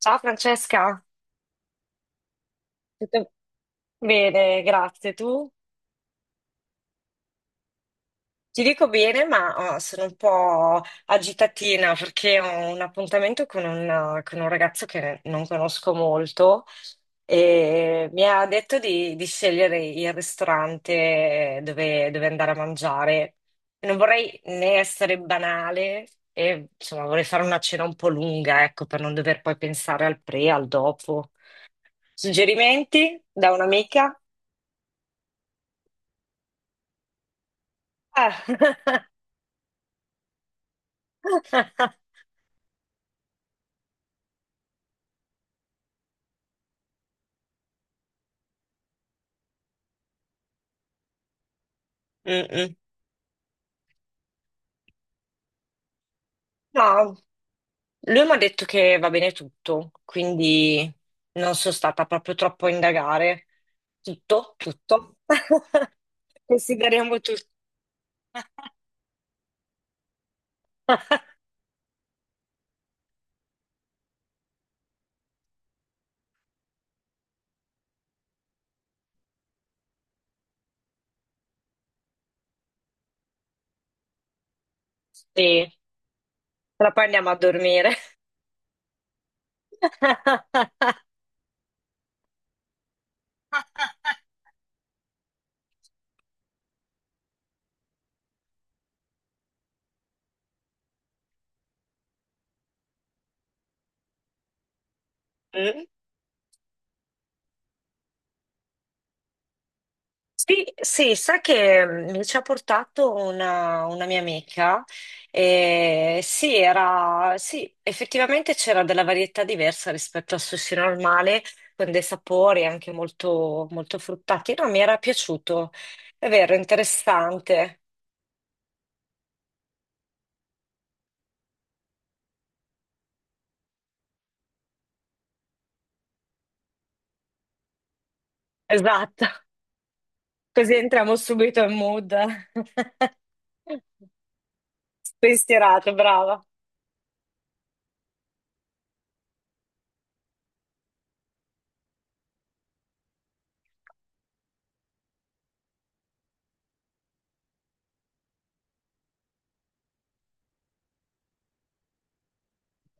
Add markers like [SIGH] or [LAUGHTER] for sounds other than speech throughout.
Ciao Francesca, tutto bene, grazie. Tu? Ti dico bene, ma sono un po' agitatina perché ho un appuntamento con un ragazzo che non conosco molto e mi ha detto di scegliere il ristorante dove andare a mangiare. Non vorrei né essere banale e insomma vorrei fare una cena un po' lunga, ecco, per non dover poi pensare al pre, al dopo. Suggerimenti da un'amica? Eh. [LAUGHS] [LAUGHS] Mm-mm. No, lui mi ha detto che va bene tutto, quindi non sono stata proprio troppo a indagare. Tutto, tutto. [LAUGHS] Consideriamo tutto. [LAUGHS] Sì, però poi andiamo a dormire. [LAUGHS] Sì, sì, sai che mi ci ha portato una mia amica. E sì, era, sì, effettivamente c'era della varietà diversa rispetto al sushi normale, con dei sapori anche molto, molto fruttati. No, mi era piaciuto. È vero, interessante. Esatto. Così entriamo subito in mood. [LAUGHS] Spensierato, brava.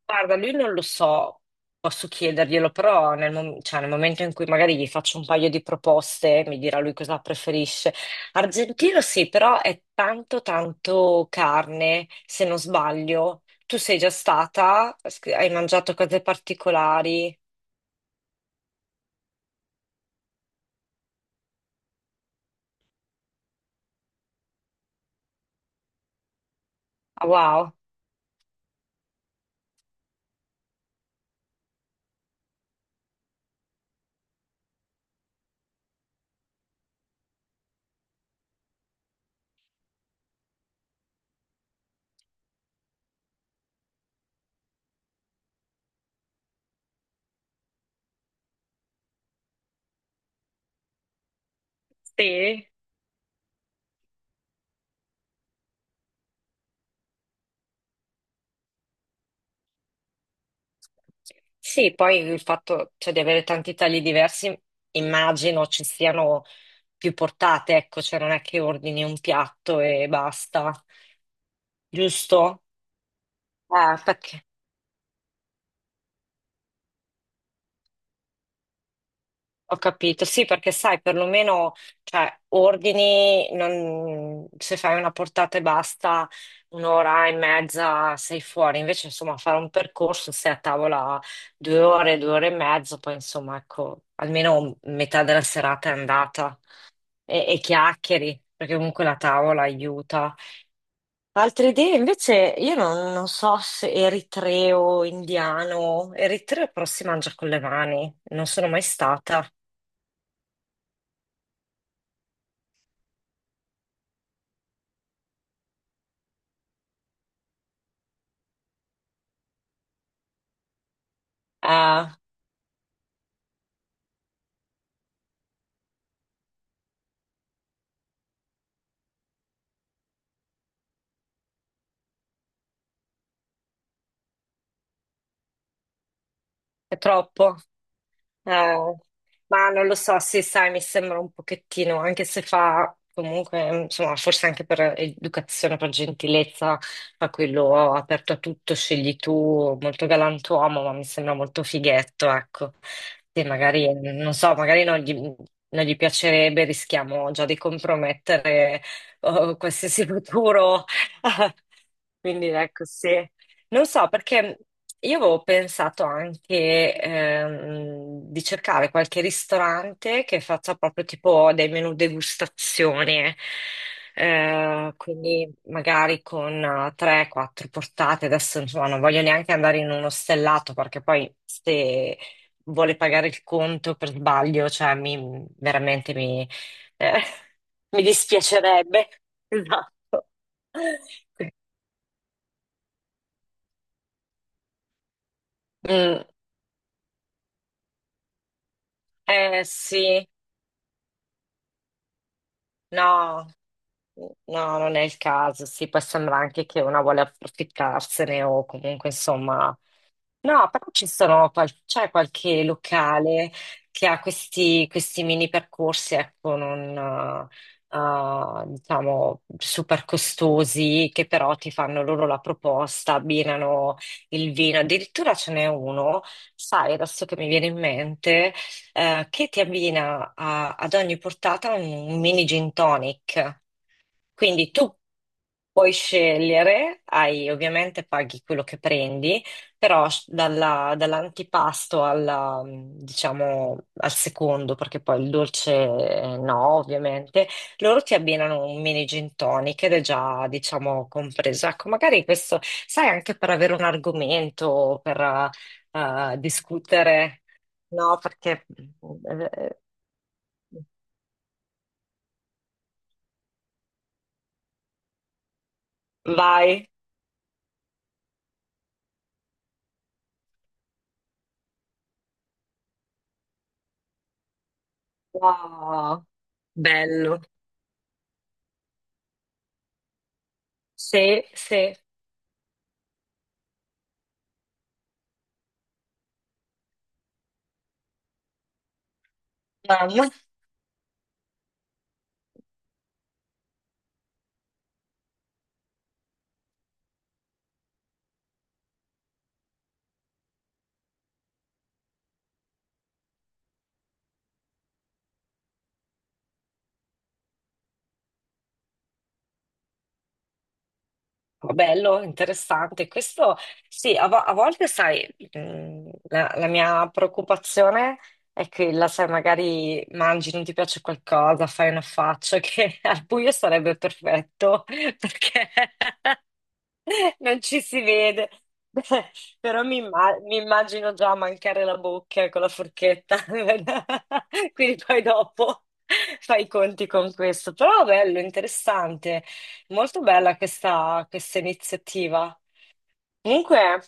Guarda, lui non lo so, posso chiederglielo, però cioè, nel momento in cui magari gli faccio un paio di proposte, mi dirà lui cosa preferisce. Argentino sì, però è tanto tanto carne, se non sbaglio. Tu sei già stata? Hai mangiato cose particolari? Ah, wow. Sì. Sì, poi il fatto, cioè, di avere tanti tagli diversi, immagino ci siano più portate, ecco, cioè non è che ordini un piatto e basta, giusto? Perché ho capito, sì, perché sai, perlomeno, cioè, ordini, non- se fai una portata e basta, un'ora e mezza sei fuori, invece, insomma, fare un percorso, sei a tavola 2 ore, 2 ore e mezzo, poi, insomma, ecco, almeno metà della serata è andata e chiacchieri, perché comunque la tavola aiuta. Altre idee, invece, io non so se eritreo, indiano, eritreo però si mangia con le mani, non sono mai stata. Ah, è troppo. Eh, ma non lo so, sì, sai, mi sembra un pochettino, anche se fa comunque, insomma, forse anche per educazione, per gentilezza, fa quello aperto a tutto, scegli tu, molto galantuomo, ma mi sembra molto fighetto, ecco. Sì, magari, non so, magari non gli piacerebbe, rischiamo già di compromettere, oh, qualsiasi futuro. [LAUGHS] Quindi ecco, sì. Non so, perché io avevo pensato anche di cercare qualche ristorante che faccia proprio tipo dei menù degustazione, quindi magari con 3-4 portate. Adesso insomma non voglio neanche andare in uno stellato perché poi se vuole pagare il conto per sbaglio, cioè mi, veramente mi, eh, [LAUGHS] mi dispiacerebbe. [LAUGHS] Esatto. Mm, eh sì. No, no, non è il caso. Sì, può sembrare anche che una vuole approfittarsene o comunque insomma. No, però ci sono qual- c'è qualche locale che ha questi mini percorsi, ecco, non diciamo super costosi, che però ti fanno loro la proposta, abbinano il vino. Addirittura ce n'è uno, sai, adesso che mi viene in mente, che ti abbina ad ogni portata un mini gin tonic. Quindi tu puoi scegliere, ovviamente paghi quello che prendi, dalla- dall'antipasto alla, diciamo, al secondo, perché poi il dolce no, ovviamente, loro ti abbinano un mini gin tonic ed è già, diciamo, compreso. Ecco, magari questo, sai, anche per avere un argomento, per discutere, no? Vai. Wow, bello. Sì, sì, ma molto bello, interessante. Questo sì, a volte sai, la mia preoccupazione è che la sai, magari mangi, non ti piace qualcosa, fai una faccia che [LAUGHS] al buio sarebbe perfetto, [LAUGHS] perché [LAUGHS] non ci si vede, [LAUGHS] però mi immagino già mancare la bocca con la forchetta, [LAUGHS] quindi poi dopo [LAUGHS] fai i conti con questo. Però bello, interessante, molto bella questa iniziativa. Comunque,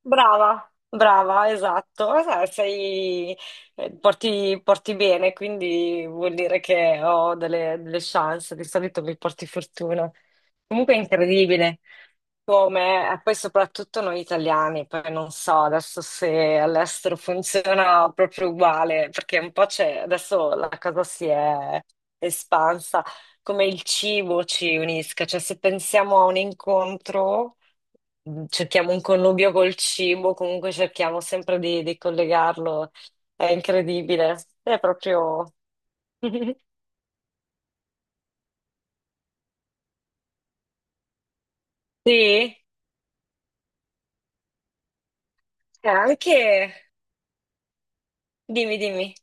brava, brava, esatto. Eh, sei, porti bene, quindi vuol dire che ho delle chance, di solito mi porti fortuna. Comunque è incredibile. Come, e poi soprattutto noi italiani, poi non so adesso se all'estero funziona proprio uguale, perché un po' c'è, adesso la cosa si è espansa, come il cibo ci unisca, cioè se pensiamo a un incontro, cerchiamo un connubio col cibo, comunque cerchiamo sempre di collegarlo, è incredibile, è proprio... [LAUGHS] Sì, e anche... Dimmi, dimmi.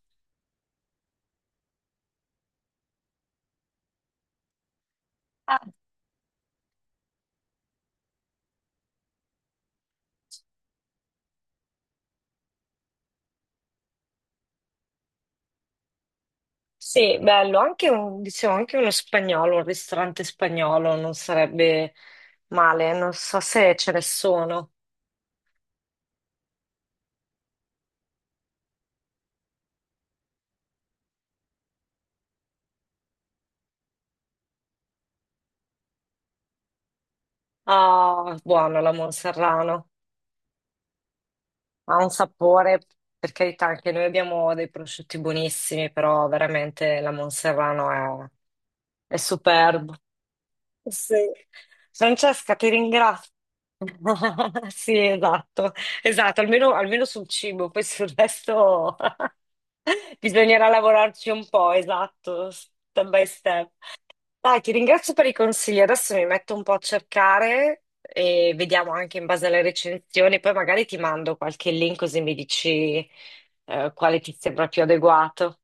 Sì, bello, anche un, diciamo, anche uno spagnolo, un ristorante spagnolo non sarebbe male, non so se ce ne sono. Ah, buono la Monserrano, ha un sapore, per carità, anche noi abbiamo dei prosciutti buonissimi, però veramente la Monserrano è, superba. Sì. Francesca, ti ringrazio. [LAUGHS] Sì, esatto, esatto, almeno, almeno sul cibo, poi sul resto [LAUGHS] bisognerà lavorarci un po', esatto, step by step. Dai, ti ringrazio per i consigli, adesso mi metto un po' a cercare e vediamo anche in base alle recensioni, poi magari ti mando qualche link così mi dici quale ti sembra più adeguato.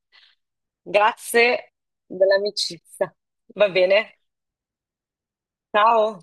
Grazie dell'amicizia, va bene? Ciao.